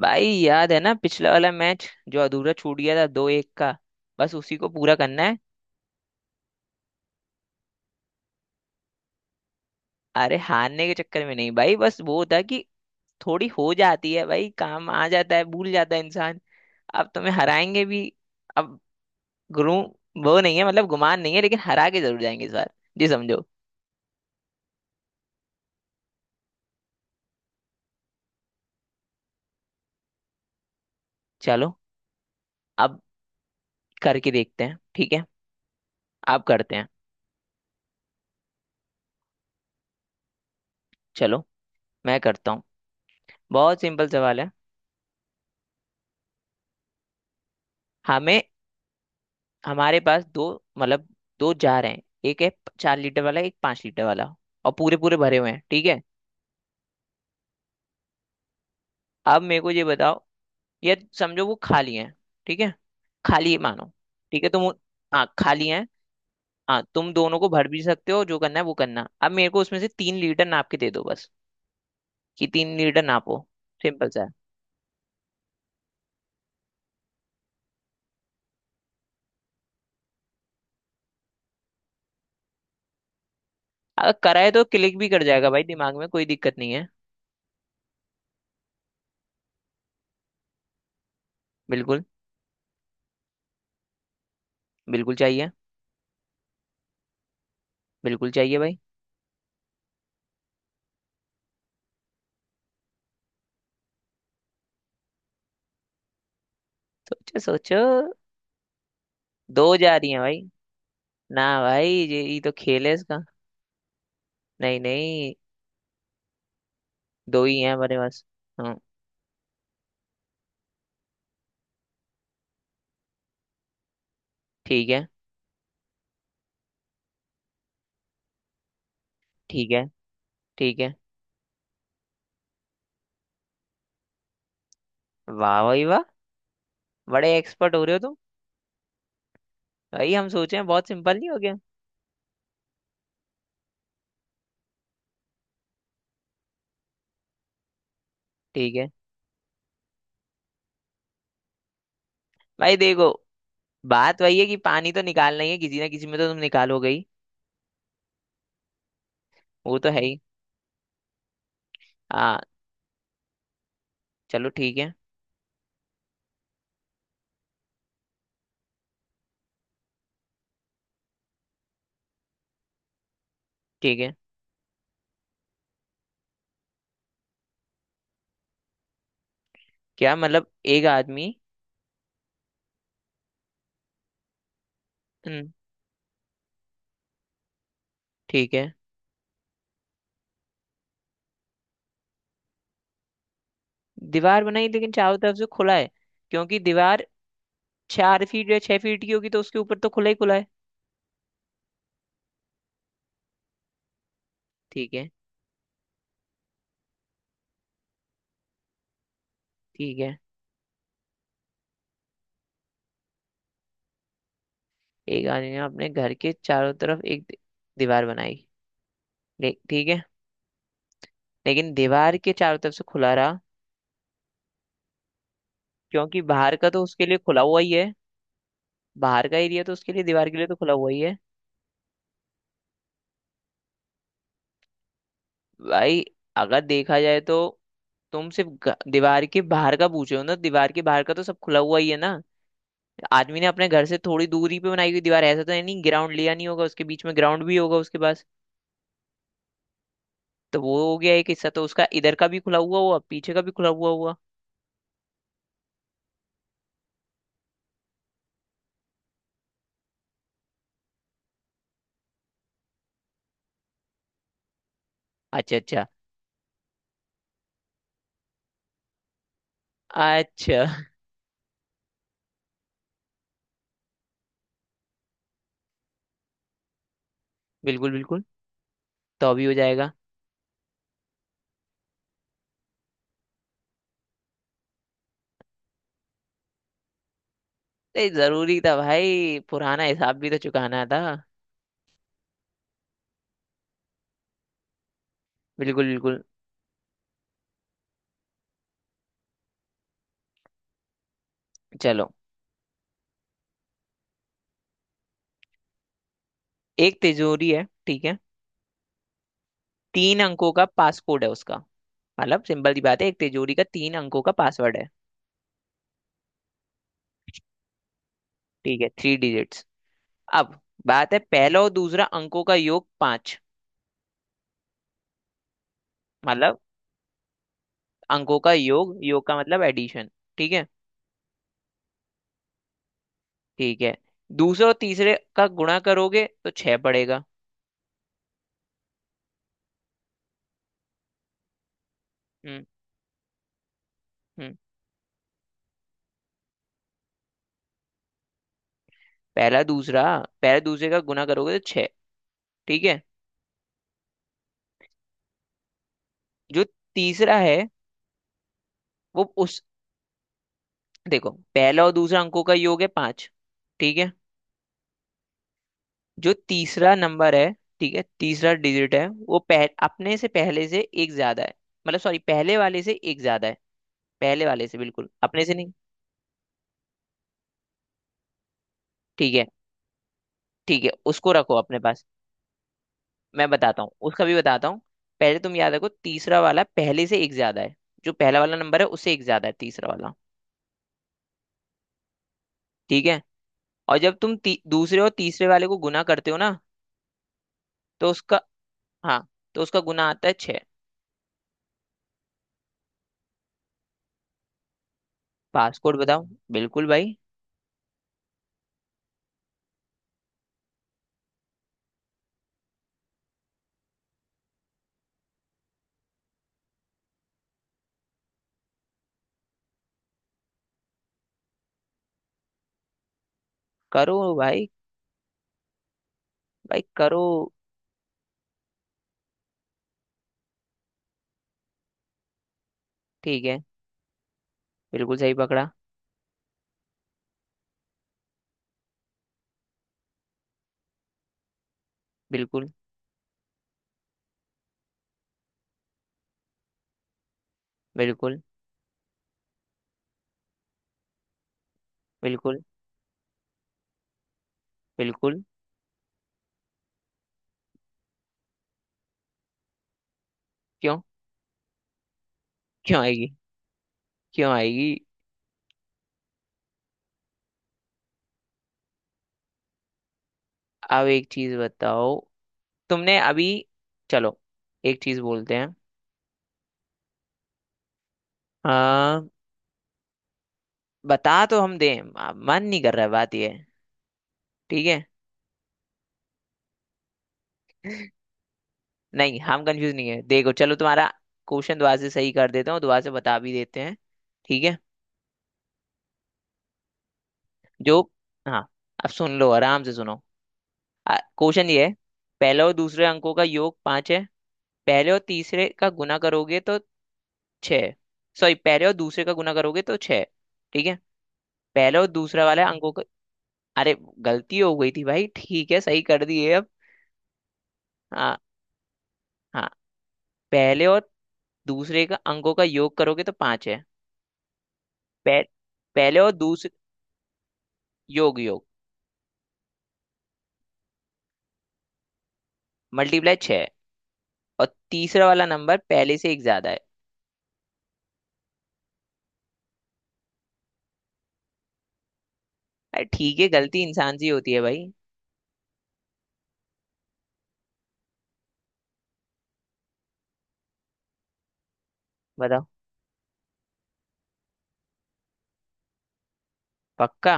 भाई, याद है ना? पिछला वाला मैच जो अधूरा छूट गया था, 2-1 का। बस उसी को पूरा करना है। अरे, हारने के चक्कर में नहीं भाई, बस वो था कि थोड़ी हो जाती है भाई, काम आ जाता है, भूल जाता है इंसान। अब तुम्हें हराएंगे भी। अब गुरु, वो नहीं है मतलब गुमान नहीं है, लेकिन हरा के जरूर जाएंगे इस बार जी, समझो। चलो, अब करके देखते हैं, ठीक है? आप करते हैं। चलो, मैं करता हूँ। बहुत सिंपल सवाल है। हमें, हमारे पास दो, मतलब दो जार हैं। एक है 4 लीटर वाला, एक 5 लीटर वाला। और पूरे पूरे भरे हुए हैं, ठीक है? अब मेरे को ये बताओ, ये समझो वो खाली है। ठीक है, खाली मानो। ठीक है, तुम, हाँ खाली है। हाँ, तुम दोनों को भर भी सकते हो, जो करना है वो करना। अब मेरे को उसमें से 3 लीटर नाप के दे दो बस। कि 3 लीटर नापो। सिंपल सा है। अगर कराए तो क्लिक भी कर जाएगा भाई, दिमाग में कोई दिक्कत नहीं है। बिल्कुल। बिल्कुल चाहिए। बिल्कुल चाहिए भाई। सोचो सोचो। दो जा रही है भाई। ना भाई, ये तो खेल है इसका। नहीं नहीं, दो ही हैं हमारे पास। हाँ। ठीक है। ठीक है। ठीक है। वाह भाई वाह, बड़े एक्सपर्ट हो रहे हो तुम। भाई, हम सोचे हैं बहुत सिंपल नहीं हो गया। ठीक है। भाई देखो, बात वही है कि पानी तो निकालना ही है, किसी ना किसी में तो तुम निकालोगे ही। वो तो है ही। हाँ। चलो ठीक है। ठीक है। क्या मतलब एक आदमी? हम्म, ठीक है। दीवार बनाई लेकिन चारों तरफ से खुला है? क्योंकि दीवार 4 फीट या 6 फीट की होगी, तो उसके ऊपर तो खुला ही खुला है। ठीक है। ठीक है। एक आदमी ने अपने घर के चारों तरफ एक दीवार बनाई। ठीक है। लेकिन दीवार के चारों तरफ से खुला रहा? क्योंकि बाहर का तो उसके लिए खुला हुआ ही है। बाहर का एरिया तो उसके लिए, दीवार के लिए तो खुला हुआ ही है। भाई, अगर देखा जाए तो तुम सिर्फ दीवार के बाहर का पूछ रहे हो ना? दीवार के बाहर का तो सब खुला हुआ ही है ना। आदमी ने अपने घर से थोड़ी दूरी पे बनाई हुई दीवार है, ऐसा तो है नहीं। ग्राउंड लिया नहीं होगा, उसके बीच में ग्राउंड भी होगा उसके पास। तो वो हो गया, एक हिस्सा तो उसका इधर का भी खुला हुआ हुआ, पीछे का भी खुला हुआ हुआ। अच्छा अच्छा। अच्छा। बिल्कुल बिल्कुल। तो अभी हो जाएगा। ये जरूरी था भाई, पुराना हिसाब भी तो चुकाना था। बिल्कुल बिल्कुल। चलो, एक तिजोरी है, ठीक है। तीन अंकों का पासकोड है उसका। मतलब सिंपल सी बात है, एक तिजोरी का तीन अंकों का पासवर्ड है। ठीक है, थ्री डिजिट्स। अब बात है, पहला और दूसरा अंकों का योग पांच। मतलब अंकों का योग, योग का मतलब एडिशन। ठीक है। ठीक है, दूसरा और तीसरे का गुणा करोगे तो छह पड़ेगा। हम्म हम्म। पहला दूसरा, पहला दूसरे का गुणा करोगे तो छह। ठीक है। जो तीसरा है, वो उस, देखो, पहला और दूसरा अंकों का योग है पांच। ठीक है, जो तीसरा नंबर है, ठीक है तीसरा डिजिट है, वो अपने से पहले से एक ज्यादा है। मतलब सॉरी, पहले वाले से एक ज्यादा है। पहले वाले से, बिल्कुल, अपने से नहीं। ठीक है। ठीक है, उसको रखो अपने पास। मैं बताता हूँ, उसका भी बताता हूँ। पहले तुम याद रखो, तीसरा वाला पहले से एक ज्यादा है। जो पहला वाला नंबर है, उससे एक ज्यादा है तीसरा वाला। ठीक है। और जब तुम दूसरे और तीसरे वाले को गुना करते हो ना, तो उसका, हाँ, तो उसका गुना आता है छः। पासकोड बताओ बिल्कुल भाई। करो भाई, भाई करो। ठीक है, बिल्कुल सही पकड़ा। बिल्कुल। बिल्कुल। बिल्कुल। बिल्कुल। क्यों? क्यों आएगी? क्यों आएगी? अब एक चीज बताओ, तुमने अभी, चलो, एक चीज बोलते हैं। आ, बता तो हम दें, मन नहीं कर रहा है, बात ये है। ठीक है। नहीं, हम कंफ्यूज नहीं है। देखो चलो, तुम्हारा क्वेश्चन दोबारा से सही कर देता हूँ, दोबारा से बता भी देते हैं। ठीक है, जो, हाँ, अब सुन लो आराम से, सुनो, क्वेश्चन ये है। पहले और दूसरे अंकों का योग पांच है। पहले और तीसरे का गुना करोगे तो छह। सॉरी, पहले और दूसरे का गुना करोगे तो छह। ठीक है। पहले और दूसरा वाला अंकों का, अरे गलती हो गई थी भाई, ठीक है सही कर दिए अब। हाँ। हाँ, पहले और दूसरे का अंकों का योग करोगे तो पांच है। पह, पहले और दूसरे, योग, योग, मल्टीप्लाई छह है। और तीसरा वाला नंबर पहले से एक ज्यादा है। अरे ठीक है, गलती इंसान से ही होती है भाई। बताओ। पक्का।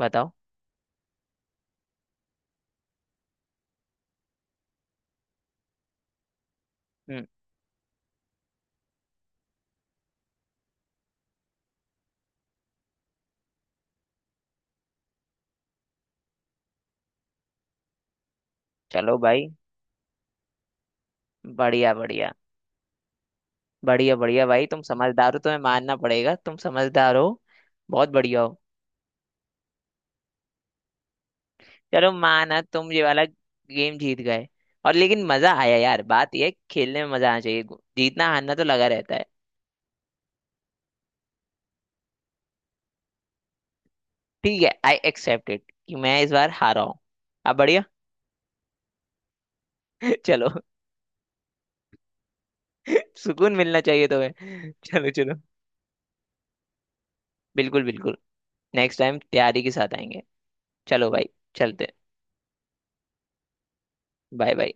बताओ। हम्म। चलो भाई, बढ़िया बढ़िया। बढ़िया बढ़िया भाई, तुम समझदार हो, तुम्हें मानना पड़ेगा, तुम समझदार हो। बहुत बढ़िया हो। चलो, माना तुम ये वाला गेम जीत गए। और लेकिन मजा आया यार, बात यह है, खेलने में मजा आना चाहिए। जीतना हारना तो लगा रहता है। ठीक है, आई एक्सेप्ट इट कि मैं इस बार हारा हूँ। अब बढ़िया। चलो। सुकून मिलना चाहिए तुम्हें, चलो चलो। बिल्कुल बिल्कुल, नेक्स्ट टाइम तैयारी के साथ आएंगे। चलो भाई, चलते। Bye bye.